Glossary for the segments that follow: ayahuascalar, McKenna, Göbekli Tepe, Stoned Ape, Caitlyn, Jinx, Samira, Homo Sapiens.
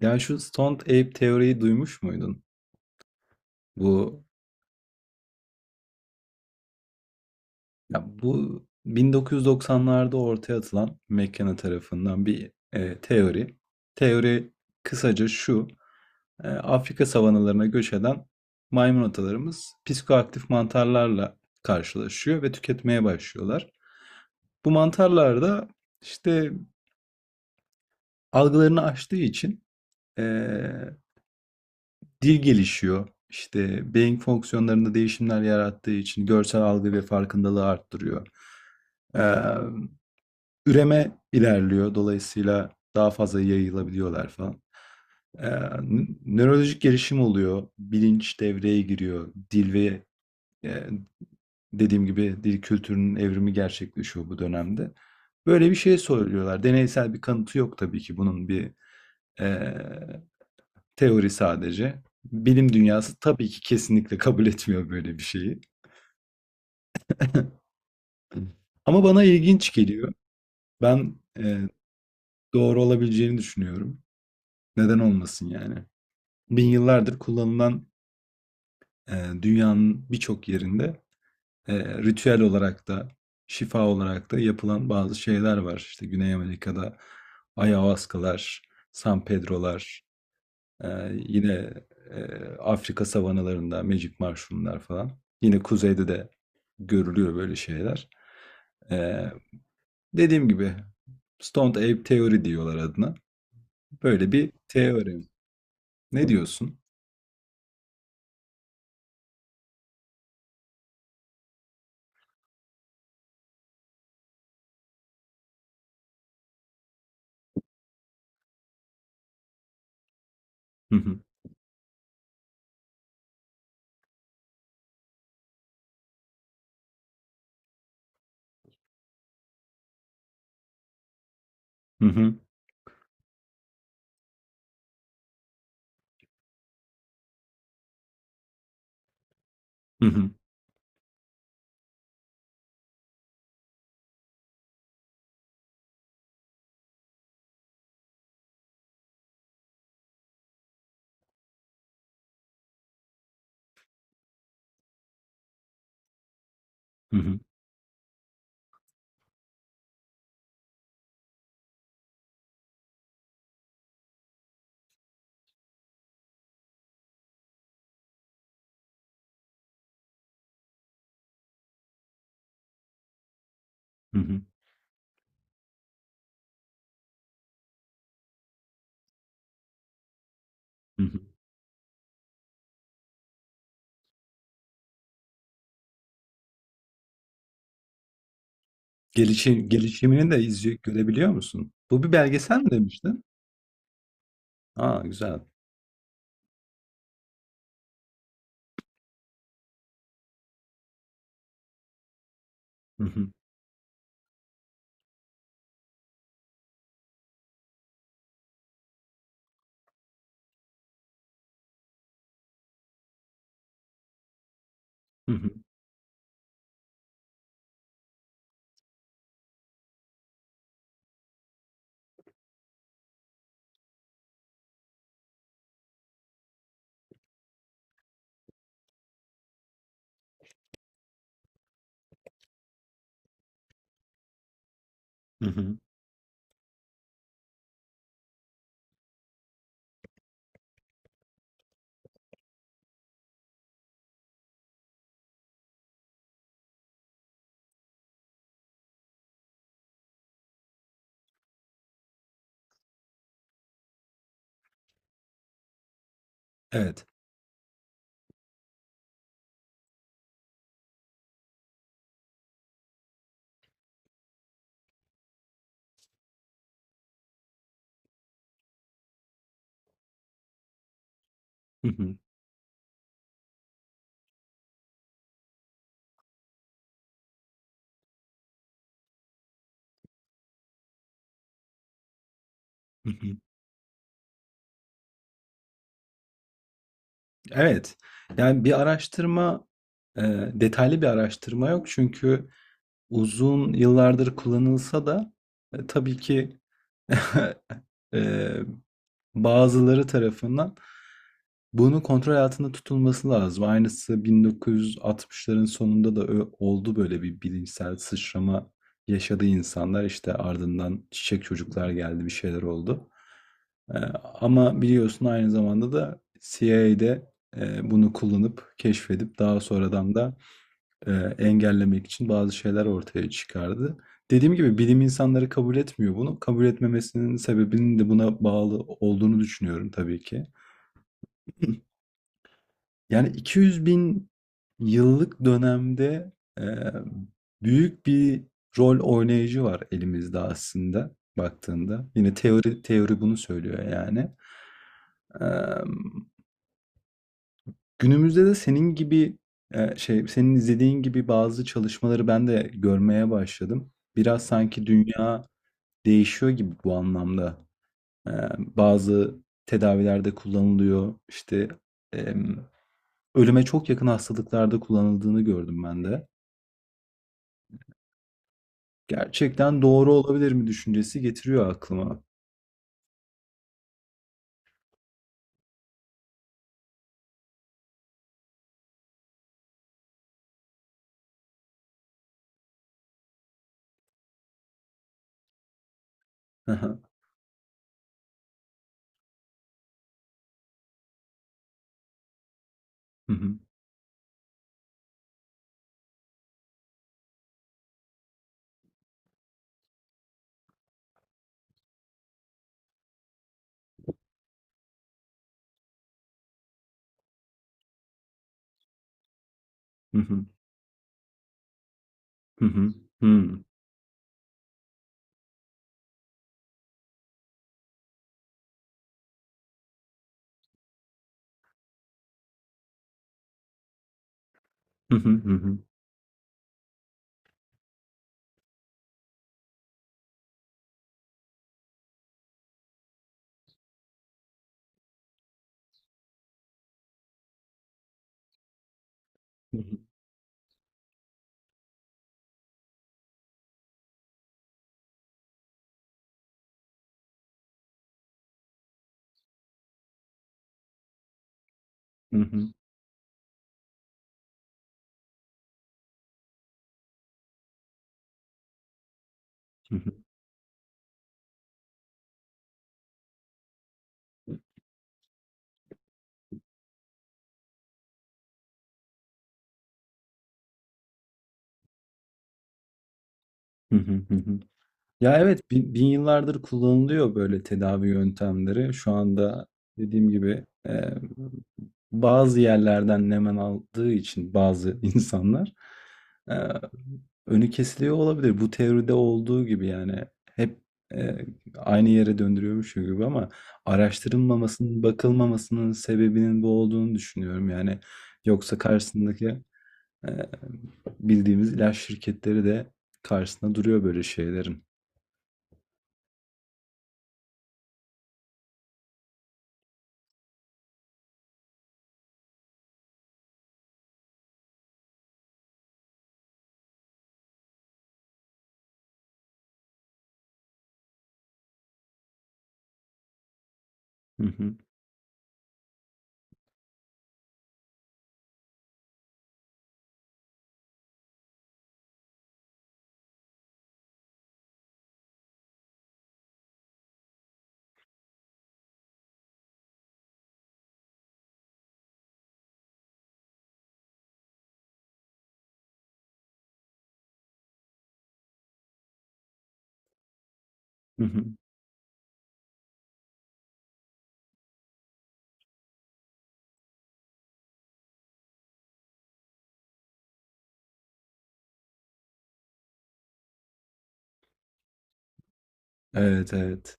Ya şu Stoned Ape teoriyi duymuş muydun? Bu bu 1990'larda ortaya atılan McKenna tarafından bir teori. Teori kısaca şu. Afrika savanalarına göç eden maymun atalarımız psikoaktif mantarlarla karşılaşıyor ve tüketmeye başlıyorlar. Bu mantarlar da işte algılarını aştığı için e, dil gelişiyor. İşte, beyin fonksiyonlarında değişimler yarattığı için görsel algı ve farkındalığı arttırıyor. Emm, Üreme ilerliyor. Dolayısıyla daha fazla yayılabiliyorlar falan. Nö Nörolojik gelişim oluyor. Bilinç devreye giriyor. Eee, dediğim gibi dil kültürünün evrimi gerçekleşiyor bu dönemde. Böyle bir şey söylüyorlar. Deneysel bir kanıtı yok tabii ki eee teori sadece. Bilim dünyası tabii ki kesinlikle kabul etmiyor böyle bir şeyi. Ama bana ilginç geliyor. Ben e, doğru olabileceğini düşünüyorum. Neden olmasın yani? Bin yıllardır kullanılan, e, dünyanın birçok yerinde, ritüel olarak da şifa olarak da yapılan bazı şeyler var. İşte Güney Amerika'da ayahuascalar, San Pedro'lar, Eee, yine, Afrika savanalarında Magic mushroom'lar falan. Yine kuzeyde de görülüyor böyle şeyler. Eee, Dediğim gibi Stoned Ape Theory diyorlar adına. Böyle bir teorem. Ne diyorsun? Hı hı. Hı hı. Hı hı. Hı hı. Hı hı. Hı hı. Gelişi gelişimini de izley görebiliyor musun? Bu bir belgesel mi demiştin? Aa güzel. Hı hı. Hı hı. Hı hı. Evet. Hı hı. Hı hı. Evet. Yani bir araştırma, e, detaylı bir araştırma yok. Çünkü uzun yıllardır kullanılsa da, tabii ki, e, bazıları tarafından bunun kontrol altında tutulması lazım. Aynısı 1960'ların sonunda da oldu. Böyle bir bilimsel sıçrama yaşadı insanlar. İşte ardından çiçek çocuklar geldi, bir şeyler oldu. Ee, Ama biliyorsun aynı zamanda da CIA'de bunu kullanıp keşfedip daha sonradan da e, engellemek için bazı şeyler ortaya çıkardı. Dediğim gibi bilim insanları kabul etmiyor bunu. Kabul etmemesinin sebebinin de buna bağlı olduğunu düşünüyorum tabii ki. 200 bin yıllık dönemde e, büyük bir rol oynayıcı var elimizde, aslında baktığında. Yine teori bunu söylüyor yani. Eee, Günümüzde de senin izlediğin gibi bazı çalışmaları ben de görmeye başladım. Biraz sanki dünya değişiyor gibi bu anlamda. Bazı tedavilerde kullanılıyor. İşte, emm, ölüme çok yakın hastalıklarda kullanıldığını gördüm ben de. Gerçekten doğru olabilir mi düşüncesi getiriyor aklıma. Hı hı. Hı hı. Hı hı. Hı hı. Hı hı. Hı hı. Hı hı. Hı hı. Hı hı. Hı hı. Hı hı. Ya evet, bin yıllardır kullanılıyor böyle tedavi yöntemleri. Şu anda dediğim gibi, bazı yerlerden nemen aldığı için bazı insanlar, e, önü kesiliyor olabilir. Bu teoride olduğu gibi yani hep e, aynı yere döndürüyormuş gibi, ama araştırılmamasının, bakılmamasının sebebinin bu olduğunu düşünüyorum. Yani yoksa karşısındaki Eee, bildiğimiz ilaç şirketleri de karşısında duruyor böyle şeylerin. Hı hı. Hı hı. Evet, evet.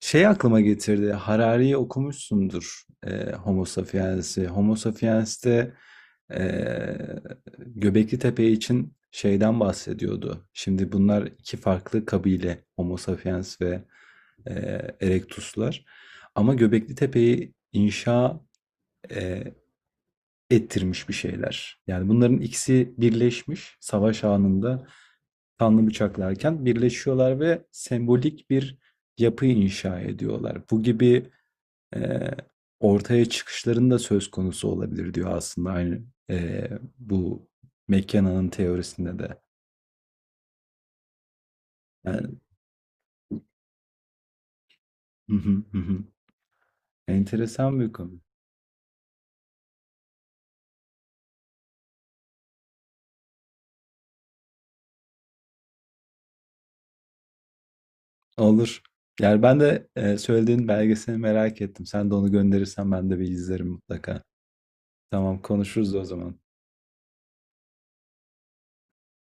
Şey aklıma getirdi. Harari'yi okumuşsundur. E, Homo Sapiens'i. Homo Sapiens'te e, Göbekli Tepe için şeyden bahsediyordu. Şimdi bunlar iki farklı kabile. Homo Sapiens ve e, Erectus'lar. Ama Göbekli Tepe'yi inşa e, ettirmiş bir şeyler. Yani bunların ikisi birleşmiş, savaş anında kanlı bıçaklarken birleşiyorlar ve sembolik bir yapı inşa ediyorlar. Bu gibi eee, ortaya çıkışlarında söz konusu olabilir diyor, aslında aynı bu McKenna'nın teorisinde de. Yani, hı hı, hı hı. Enteresan bir konu. Olur. Yani ben de söylediğin belgesini merak ettim. Sen de onu gönderirsen ben de bir izlerim mutlaka. Tamam, konuşuruz o zaman.